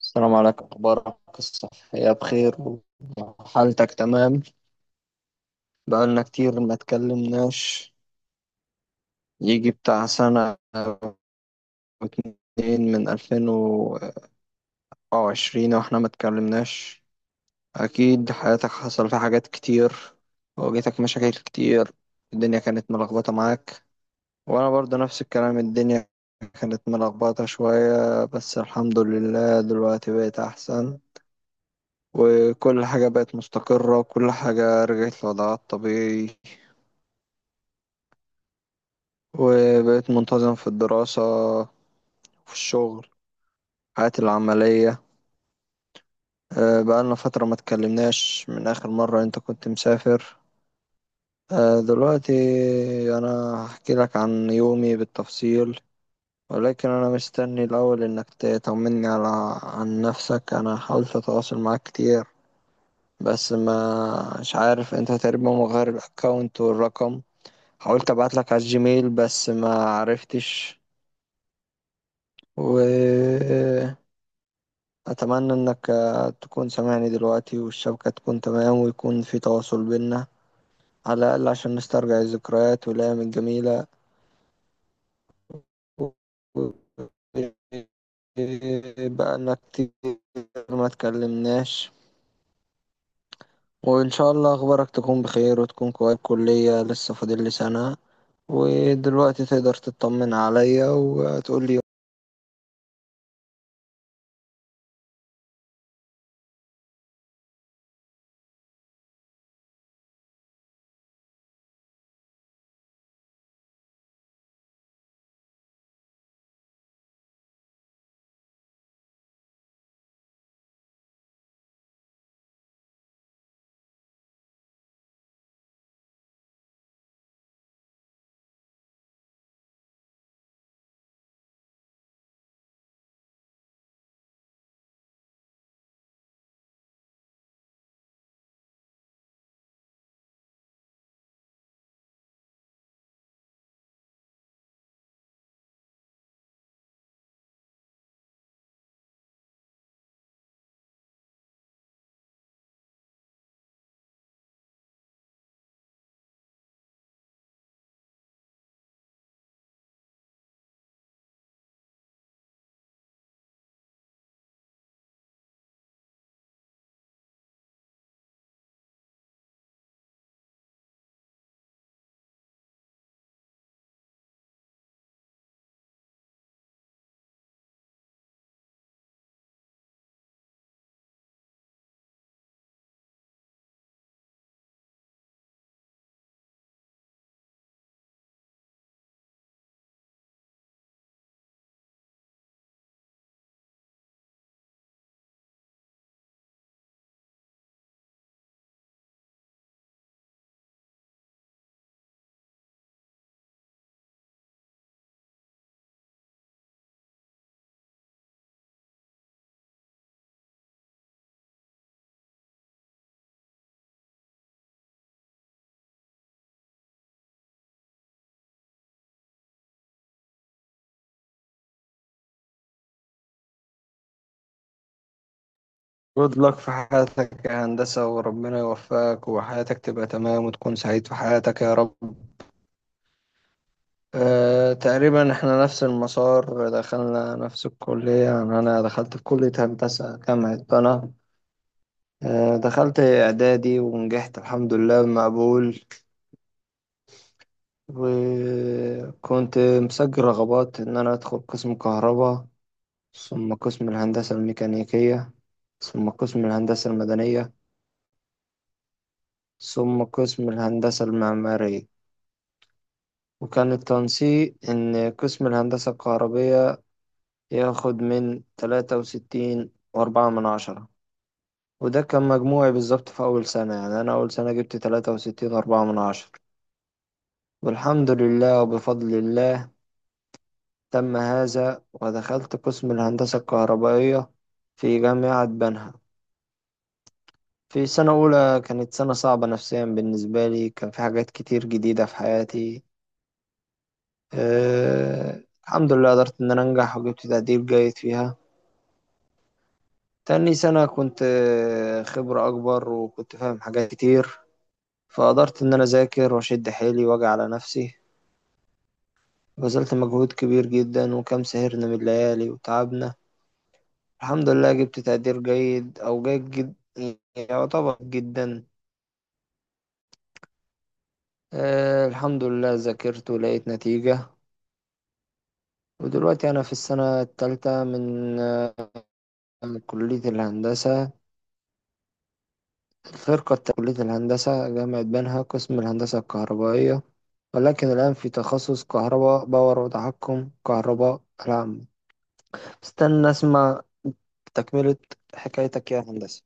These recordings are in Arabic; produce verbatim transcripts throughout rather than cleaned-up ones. السلام عليكم، أخبارك الصحية بخير وحالتك تمام؟ بقالنا كتير ما اتكلمناش، يجي بتاع سنة واتنين من ألفين وعشرين واحنا ما اتكلمناش. أكيد حياتك حصل فيها حاجات كتير، واجهتك مشاكل كتير، الدنيا كانت ملخبطة معاك. وأنا برضه نفس الكلام، الدنيا كانت ملخبطة شوية بس الحمد لله دلوقتي بقيت أحسن، وكل حاجة بقت مستقرة وكل حاجة رجعت لوضعها الطبيعي، وبقيت منتظم في الدراسة، في الشغل، حياتي العملية. آه، بقالنا فترة ما اتكلمناش من آخر مرة أنت كنت مسافر. آه، دلوقتي أنا هحكي لك عن يومي بالتفصيل، ولكن أنا مستني الأول إنك ت- تطمني على عن نفسك. أنا حاولت أتواصل معاك كتير بس ما مش عارف، أنت تقريبا مغير الأكاونت والرقم، حاولت ابعت لك على الجيميل بس ما عرفتش. واتمنى انك تكون سامعني دلوقتي والشبكة تكون تمام ويكون في تواصل بينا، على الاقل عشان نسترجع الذكريات والايام الجميلة. بقالنا كتير ما اتكلمناش. وإن شاء الله أخبارك تكون بخير وتكون كويس، كلية لسه فاضل لي سنة، ودلوقتي تقدر تطمن عليا وتقول لي. جود لك في حياتك يا هندسة، وربنا يوفقك وحياتك تبقى تمام وتكون سعيد في حياتك يا رب. أه، تقريبا احنا نفس المسار، دخلنا نفس الكلية، يعني أنا دخلت في كلية هندسة جامعة طنعا. أه، دخلت إعدادي ونجحت الحمد لله بمقبول، وكنت مسجل رغبات إن أنا أدخل قسم كهرباء، ثم قسم الهندسة الميكانيكية، ثم قسم الهندسة المدنية، ثم قسم الهندسة المعمارية. وكان التنسيق إن قسم الهندسة الكهربية ياخد من تلاتة وستين وأربعة من عشرة، وده كان مجموعي بالظبط في أول سنة، يعني أنا أول سنة جبت تلاتة وستين وأربعة من عشرة، والحمد لله وبفضل الله تم هذا ودخلت قسم الهندسة الكهربائية في جامعة بنها. في سنة أولى كانت سنة صعبة نفسيا بالنسبة لي، كان في حاجات كتير جديدة في حياتي. أه، الحمد لله قدرت إن أنا أنجح وجبت تقدير جيد فيها. تاني سنة كنت آه، خبرة أكبر وكنت فاهم حاجات كتير، فقدرت إن أنا أذاكر وأشد حيلي وأجي على نفسي. بذلت مجهود كبير جدا وكم سهرنا من الليالي وتعبنا، الحمد لله جبت تقدير جيد أو جيد جد يعتبر جدا. آه، الحمد لله ذاكرت ولقيت نتيجة. ودلوقتي أنا في السنة التالتة من آه، كلية الهندسة، فرقة كلية الهندسة جامعة بنها قسم الهندسة الكهربائية، ولكن الآن في تخصص كهرباء باور وتحكم كهرباء العامة. استنى أسمع تكملة حكايتك يا هندسة.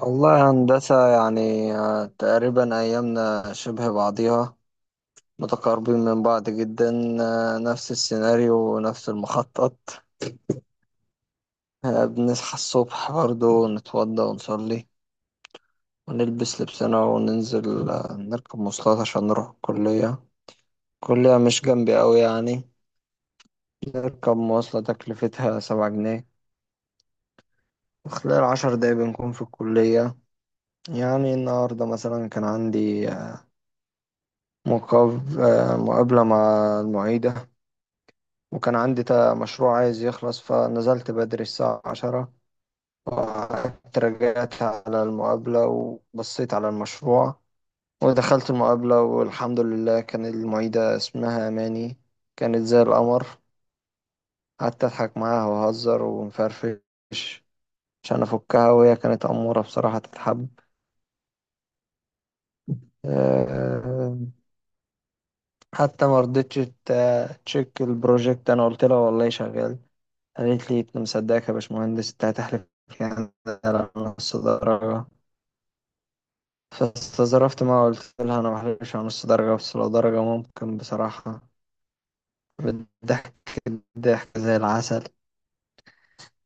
والله يا هندسة يعني، آه، تقريبا أيامنا شبه بعضيها، متقاربين من بعض جدا. آه، نفس السيناريو ونفس المخطط. آه، بنصحى الصبح برضو نتوضى ونصلي ونلبس لبسنا وننزل، آه، نركب مواصلات عشان نروح الكلية. كلية مش جنبي أوي يعني، نركب مواصلة تكلفتها سبعة جنيه، وخلال عشر دقايق بنكون في الكلية. يعني النهاردة مثلا كان عندي آه، مقاب- آه، مقابلة مع المعيدة، وكان عندي تا- مشروع عايز يخلص، فنزلت بدري الساعة عشرة وقعدت رجعت على المقابلة وبصيت على المشروع، ودخلت المقابلة والحمد لله كان المعيدة اسمها أماني، كانت زي القمر. قعدت أضحك معاها وأهزر ونفرفش عشان افكها، وهي كانت اموره بصراحه تتحب. آه، حتى ما رضتش ت- تشيك البروجكت، انا قلت لها والله شغال، قالت لي انت مصدقك يا باشمهندس؟ انت هتحلف يعني على نص درجه؟ فاستظرفت ما قلت لها انا ما بحلفش على نص درجه بس لو درجه ممكن بصراحه، بالضحك ضحك زي العسل.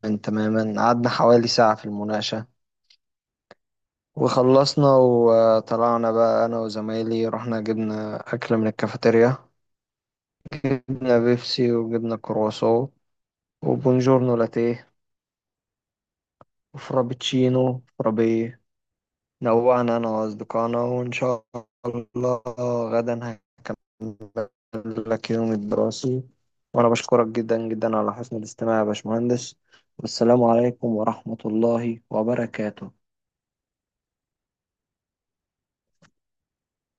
من تماما قعدنا حوالي ساعه في المناقشه وخلصنا وطلعنا، بقى انا وزمايلي رحنا جبنا اكل من الكافيتيريا، جبنا بيبسي وجبنا كرواسون وبونجورنو لاتيه وفرابتشينو فرابيه، نوعنا أنا وأصدقائنا. وإن شاء الله غدا هكمل لك يوم الدراسي. وأنا بشكرك جدا جدا على حسن الاستماع يا باشمهندس، والسلام عليكم ورحمة الله وبركاته.